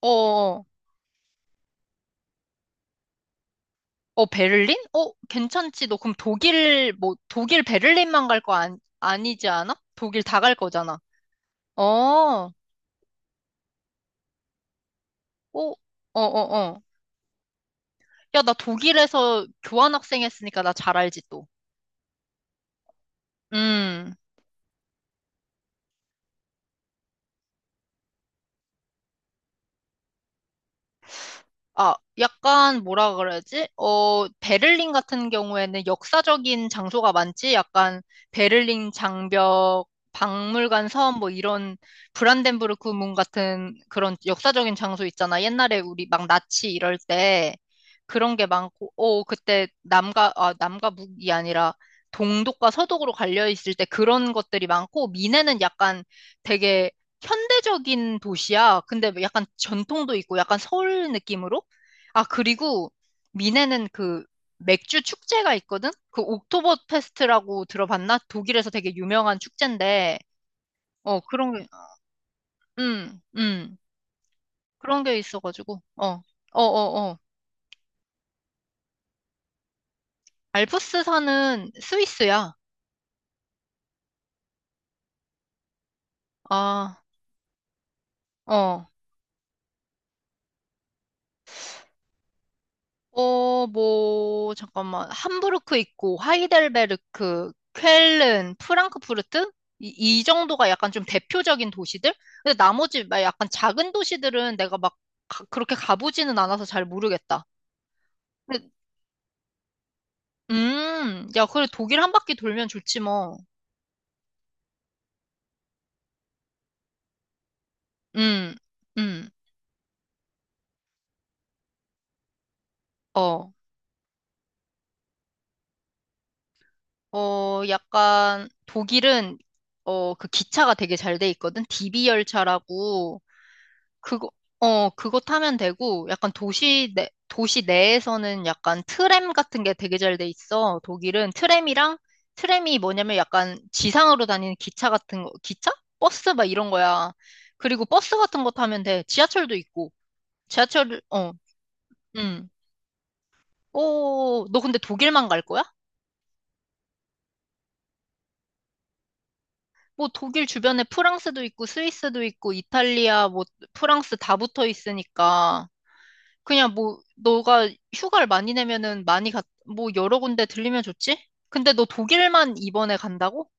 어, 어, 베를린? 어, 괜찮지. 너 그럼 독일, 뭐, 독일 베를린만 갈 거 아니, 아니지 않아? 독일 다 갈 거잖아. 어, 어, 어, 어, 어. 야, 나 독일에서 교환학생 했으니까 나 잘 알지, 또. 음. 아, 약간 뭐라 그러지? 어, 베를린 같은 경우에는 역사적인 장소가 많지? 약간 베를린 장벽, 박물관 섬, 뭐 이런 브란덴부르크 문 같은 그런 역사적인 장소 있잖아. 옛날에 우리 막 나치 이럴 때 그런 게 많고, 어, 그때 남과 북이 아니라 동독과 서독으로 갈려 있을 때 그런 것들이 많고, 미네는 약간 되게 현대적인 도시야. 근데 뭐 약간 전통도 있고 약간 서울 느낌으로? 아, 그리고 미네는 그 맥주 축제가 있거든? 그 옥토버 페스트라고 들어봤나? 독일에서 되게 유명한 축제인데, 어, 그런 게, 음, 음, 그런 게 있어가지고, 어, 어, 어, 어. 알프스산은 스위스야. 아, 어. 어, 뭐, 잠깐만. 함부르크 있고, 하이델베르크, 쾰른, 프랑크푸르트? 이, 이 정도가 약간 좀 대표적인 도시들? 근데 나머지 막 약간 작은 도시들은 내가 막 그렇게 가보지는 않아서 잘 모르겠다. 근데, 야, 그래, 독일 한 바퀴 돌면 좋지 뭐. 음, 음, 어, 어, 약간 독일은 어, 그 기차가 되게 잘 돼 있거든. DB 열차라고. 그거, 어, 그거 타면 되고, 약간 도시 내에서는 약간 트램 같은 게 되게 잘 돼 있어. 독일은 트램이랑, 트램이 뭐냐면 약간 지상으로 다니는 기차 같은 거, 기차? 버스 막 이런 거야. 그리고 버스 같은 거 타면 돼. 지하철도 있고. 지하철, 어, 음. 오, 너 근데 독일만 갈 거야? 뭐 독일 주변에 프랑스도 있고, 스위스도 있고, 이탈리아, 뭐 프랑스 다 붙어 있으니까. 그냥 뭐, 너가 휴가를 많이 내면은 많이 뭐, 여러 군데 들리면 좋지? 근데 너 독일만 이번에 간다고?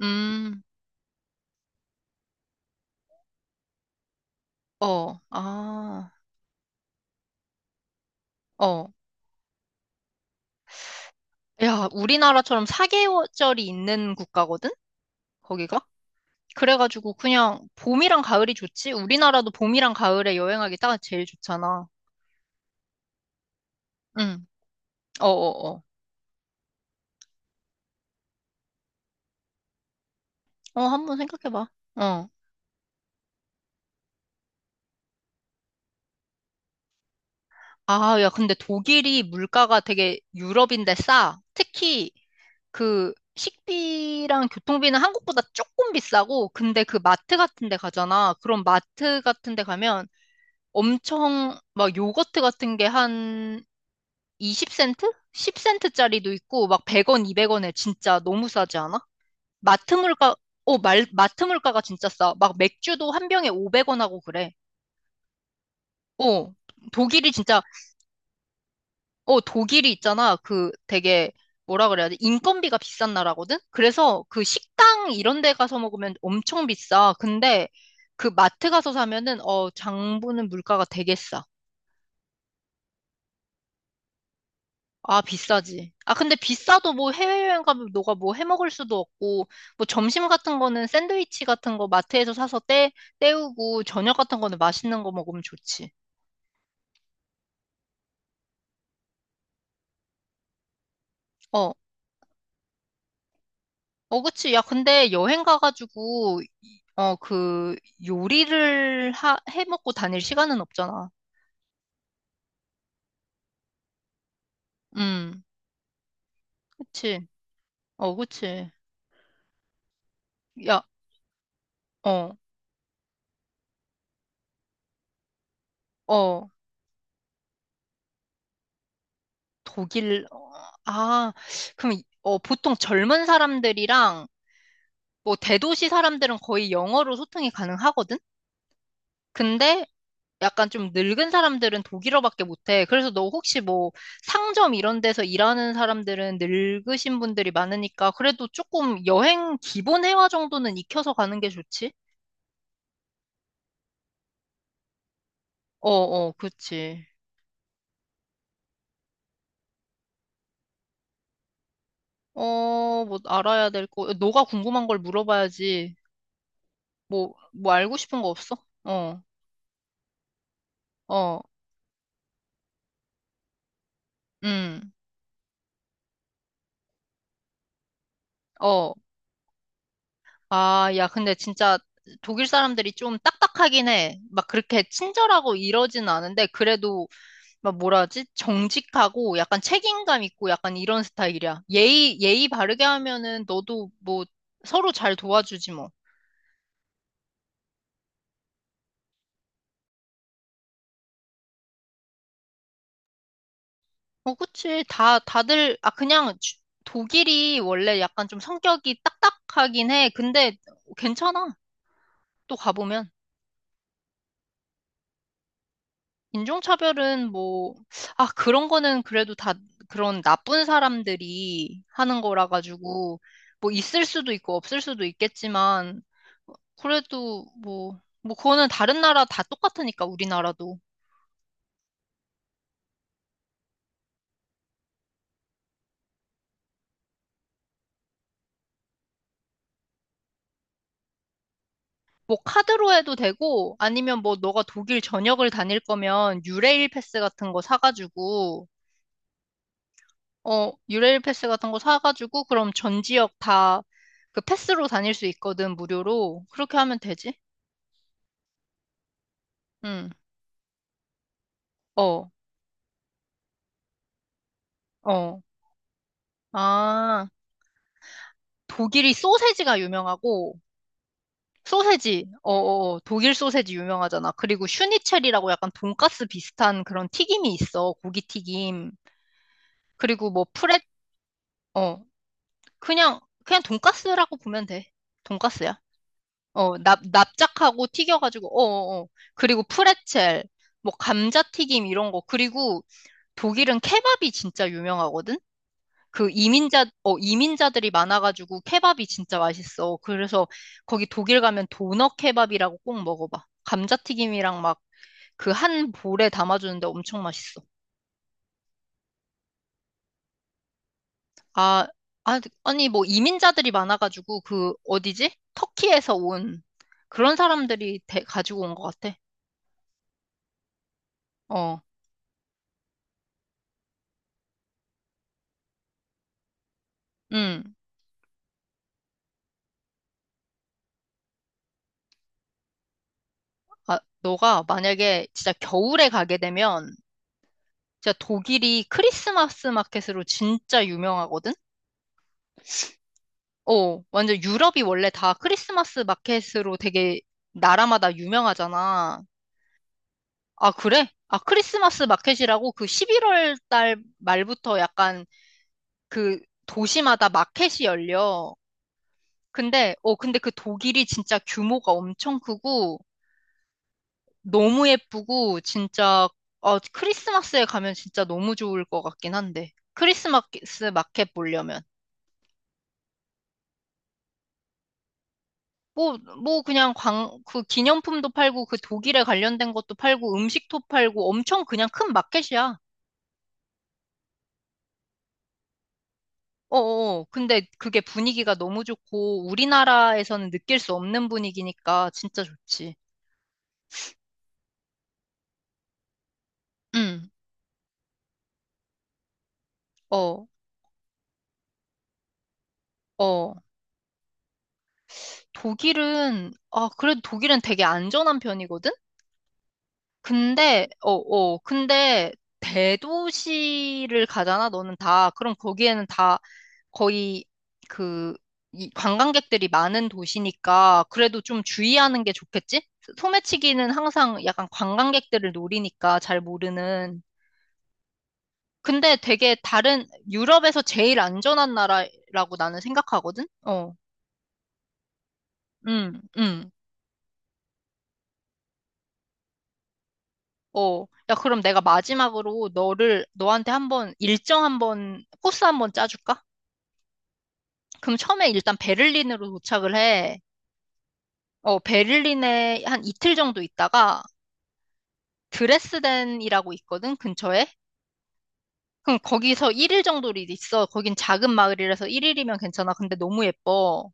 음, 어, 아, 어. 야, 우리나라처럼 4계절이 있는 국가거든? 거기가? 그래가지고 그냥 봄이랑 가을이 좋지? 우리나라도 봄이랑 가을에 여행하기 딱 제일 좋잖아. 응, 어어어. 어, 어. 어, 한번 생각해봐. 어. 아, 야, 근데 독일이 물가가 되게 유럽인데 싸. 특히 그 식비랑 교통비는 한국보다 조금 비싸고, 근데 그 마트 같은 데 가잖아. 그럼 마트 같은 데 가면 엄청 막 요거트 같은 게 한 20센트? 10센트짜리도 있고, 막 100원, 200원에 진짜 너무 싸지 않아? 마트 물가, 어, 마트 물가가 진짜 싸. 막 맥주도 한 병에 500원 하고 그래. 어, 독일이 진짜 어, 독일이 있잖아. 그 되게 뭐라 그래야 돼? 인건비가 비싼 나라거든? 그래서 그 식당 이런 데 가서 먹으면 엄청 비싸. 근데 그 마트 가서 사면은 어, 장보는 물가가 되게 싸. 아, 비싸지. 아, 근데 비싸도 뭐 해외여행 가면 너가 뭐 해 먹을 수도 없고, 뭐 점심 같은 거는 샌드위치 같은 거 마트에서 사서 때우고, 저녁 같은 거는 맛있는 거 먹으면 좋지. 어. 어, 그치. 야, 근데 여행 가가지고, 요리를 해 먹고 다닐 시간은 없잖아. 음, 그치. 어, 그치. 야, 어, 어, 독일, 어, 아, 그럼, 보통 젊은 사람들이랑, 뭐, 대도시 사람들은 거의 영어로 소통이 가능하거든? 근데, 약간 좀 늙은 사람들은 독일어밖에 못해. 그래서 너 혹시 뭐 상점 이런 데서 일하는 사람들은 늙으신 분들이 많으니까 그래도 조금 여행 기본 회화 정도는 익혀서 가는 게 좋지? 어, 어, 그치. 어, 뭐 알아야 될 거. 너가 궁금한 걸 물어봐야지. 뭐, 뭐 알고 싶은 거 없어? 어, 어, 음, 어. 아, 야, 근데 진짜 독일 사람들이 좀 딱딱하긴 해. 막 그렇게 친절하고 이러진 않은데 그래도 막 뭐라 하지? 정직하고 약간 책임감 있고 약간 이런 스타일이야. 예의 바르게 하면은 너도 뭐 서로 잘 도와주지 뭐. 어, 그치. 다들, 아, 그냥 독일이 원래 약간 좀 성격이 딱딱하긴 해. 근데 괜찮아. 또 가보면. 인종차별은 뭐, 아, 그런 거는 그래도 다 그런 나쁜 사람들이 하는 거라 가지고, 뭐 있을 수도 있고 없을 수도 있겠지만, 그래도 뭐, 뭐 그거는 다른 나라 다 똑같으니까, 우리나라도. 뭐 카드로 해도 되고, 아니면 뭐 너가 독일 전역을 다닐 거면 유레일 패스 같은 거 사가지고, 어, 유레일 패스 같은 거 사가지고, 그럼 전 지역 다 그 패스로 다닐 수 있거든, 무료로. 그렇게 하면 되지? 응. 어. 어. 아, 독일이 소세지가 유명하고, 소세지, 어어, 독일 소세지 유명하잖아. 그리고 슈니첼이라고 약간 돈가스 비슷한 그런 튀김이 있어. 고기 튀김. 그리고 뭐 프레 어, 그냥, 그냥 돈가스라고 보면 돼. 돈가스야. 어, 납작하고 튀겨가지고, 어어어. 그리고 프레첼, 뭐 감자튀김 이런 거. 그리고 독일은 케밥이 진짜 유명하거든? 그 이민자들이 많아가지고 케밥이 진짜 맛있어. 그래서 거기 독일 가면 도너 케밥이라고 꼭 먹어봐. 감자튀김이랑 막 그 한 볼에 담아주는데 엄청 맛있어. 아, 아, 아니 뭐 이민자들이 많아가지고 그 어디지? 터키에서 온 그런 사람들이 가지고 온 것 같아. 어, 응. 아, 너가 만약에 진짜 겨울에 가게 되면 진짜 독일이 크리스마스 마켓으로 진짜 유명하거든? 어, 완전 유럽이 원래 다 크리스마스 마켓으로 되게 나라마다 유명하잖아. 아, 그래? 아, 크리스마스 마켓이라고 그 11월 달 말부터 약간 그 도시마다 마켓이 열려. 근데, 어, 근데 그 독일이 진짜 규모가 엄청 크고 너무 예쁘고 진짜, 어, 크리스마스에 가면 진짜 너무 좋을 것 같긴 한데. 크리스마스 마켓 보려면. 뭐, 뭐 그냥 그 기념품도 팔고 그 독일에 관련된 것도 팔고 음식도 팔고 엄청 그냥 큰 마켓이야. 어어. 근데 그게 분위기가 너무 좋고 우리나라에서는 느낄 수 없는 분위기니까 진짜 좋지. 응. 어. 어. 독일은 아, 그래도 독일은 되게 안전한 편이거든? 근데 어, 어. 근데 대도시를 가잖아. 너는 다. 그럼 거기에는 다 거의 그, 이 관광객들이 많은 도시니까 그래도 좀 주의하는 게 좋겠지? 소매치기는 항상 약간 관광객들을 노리니까 잘 모르는. 근데 되게 다른, 유럽에서 제일 안전한 나라라고 나는 생각하거든? 어, 응, 응, 어, 야, 그럼 내가 마지막으로 너한테 한번 일정 한번, 코스 한번 짜줄까? 그럼 처음에 일단 베를린으로 도착을 해. 어, 베를린에 한 이틀 정도 있다가 드레스덴이라고 있거든, 근처에. 그럼 거기서 1일 정도를 있어. 거긴 작은 마을이라서 1일이면 괜찮아. 근데 너무 예뻐.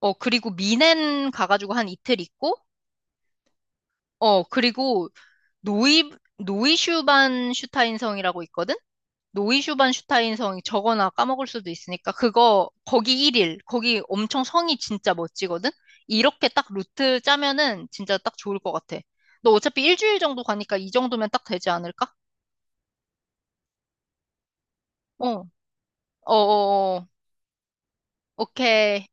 어, 그리고 미넨 가가지고 한 이틀 있고, 어, 그리고 노이, 노이슈반슈타인성이라고 있거든? 노이슈반슈타인성이 저거나 까먹을 수도 있으니까, 그거, 거기 1일, 거기 엄청 성이 진짜 멋지거든? 이렇게 딱 루트 짜면은 진짜 딱 좋을 것 같아. 너 어차피 일주일 정도 가니까 이 정도면 딱 되지 않을까? 어. 어어어. 오케이.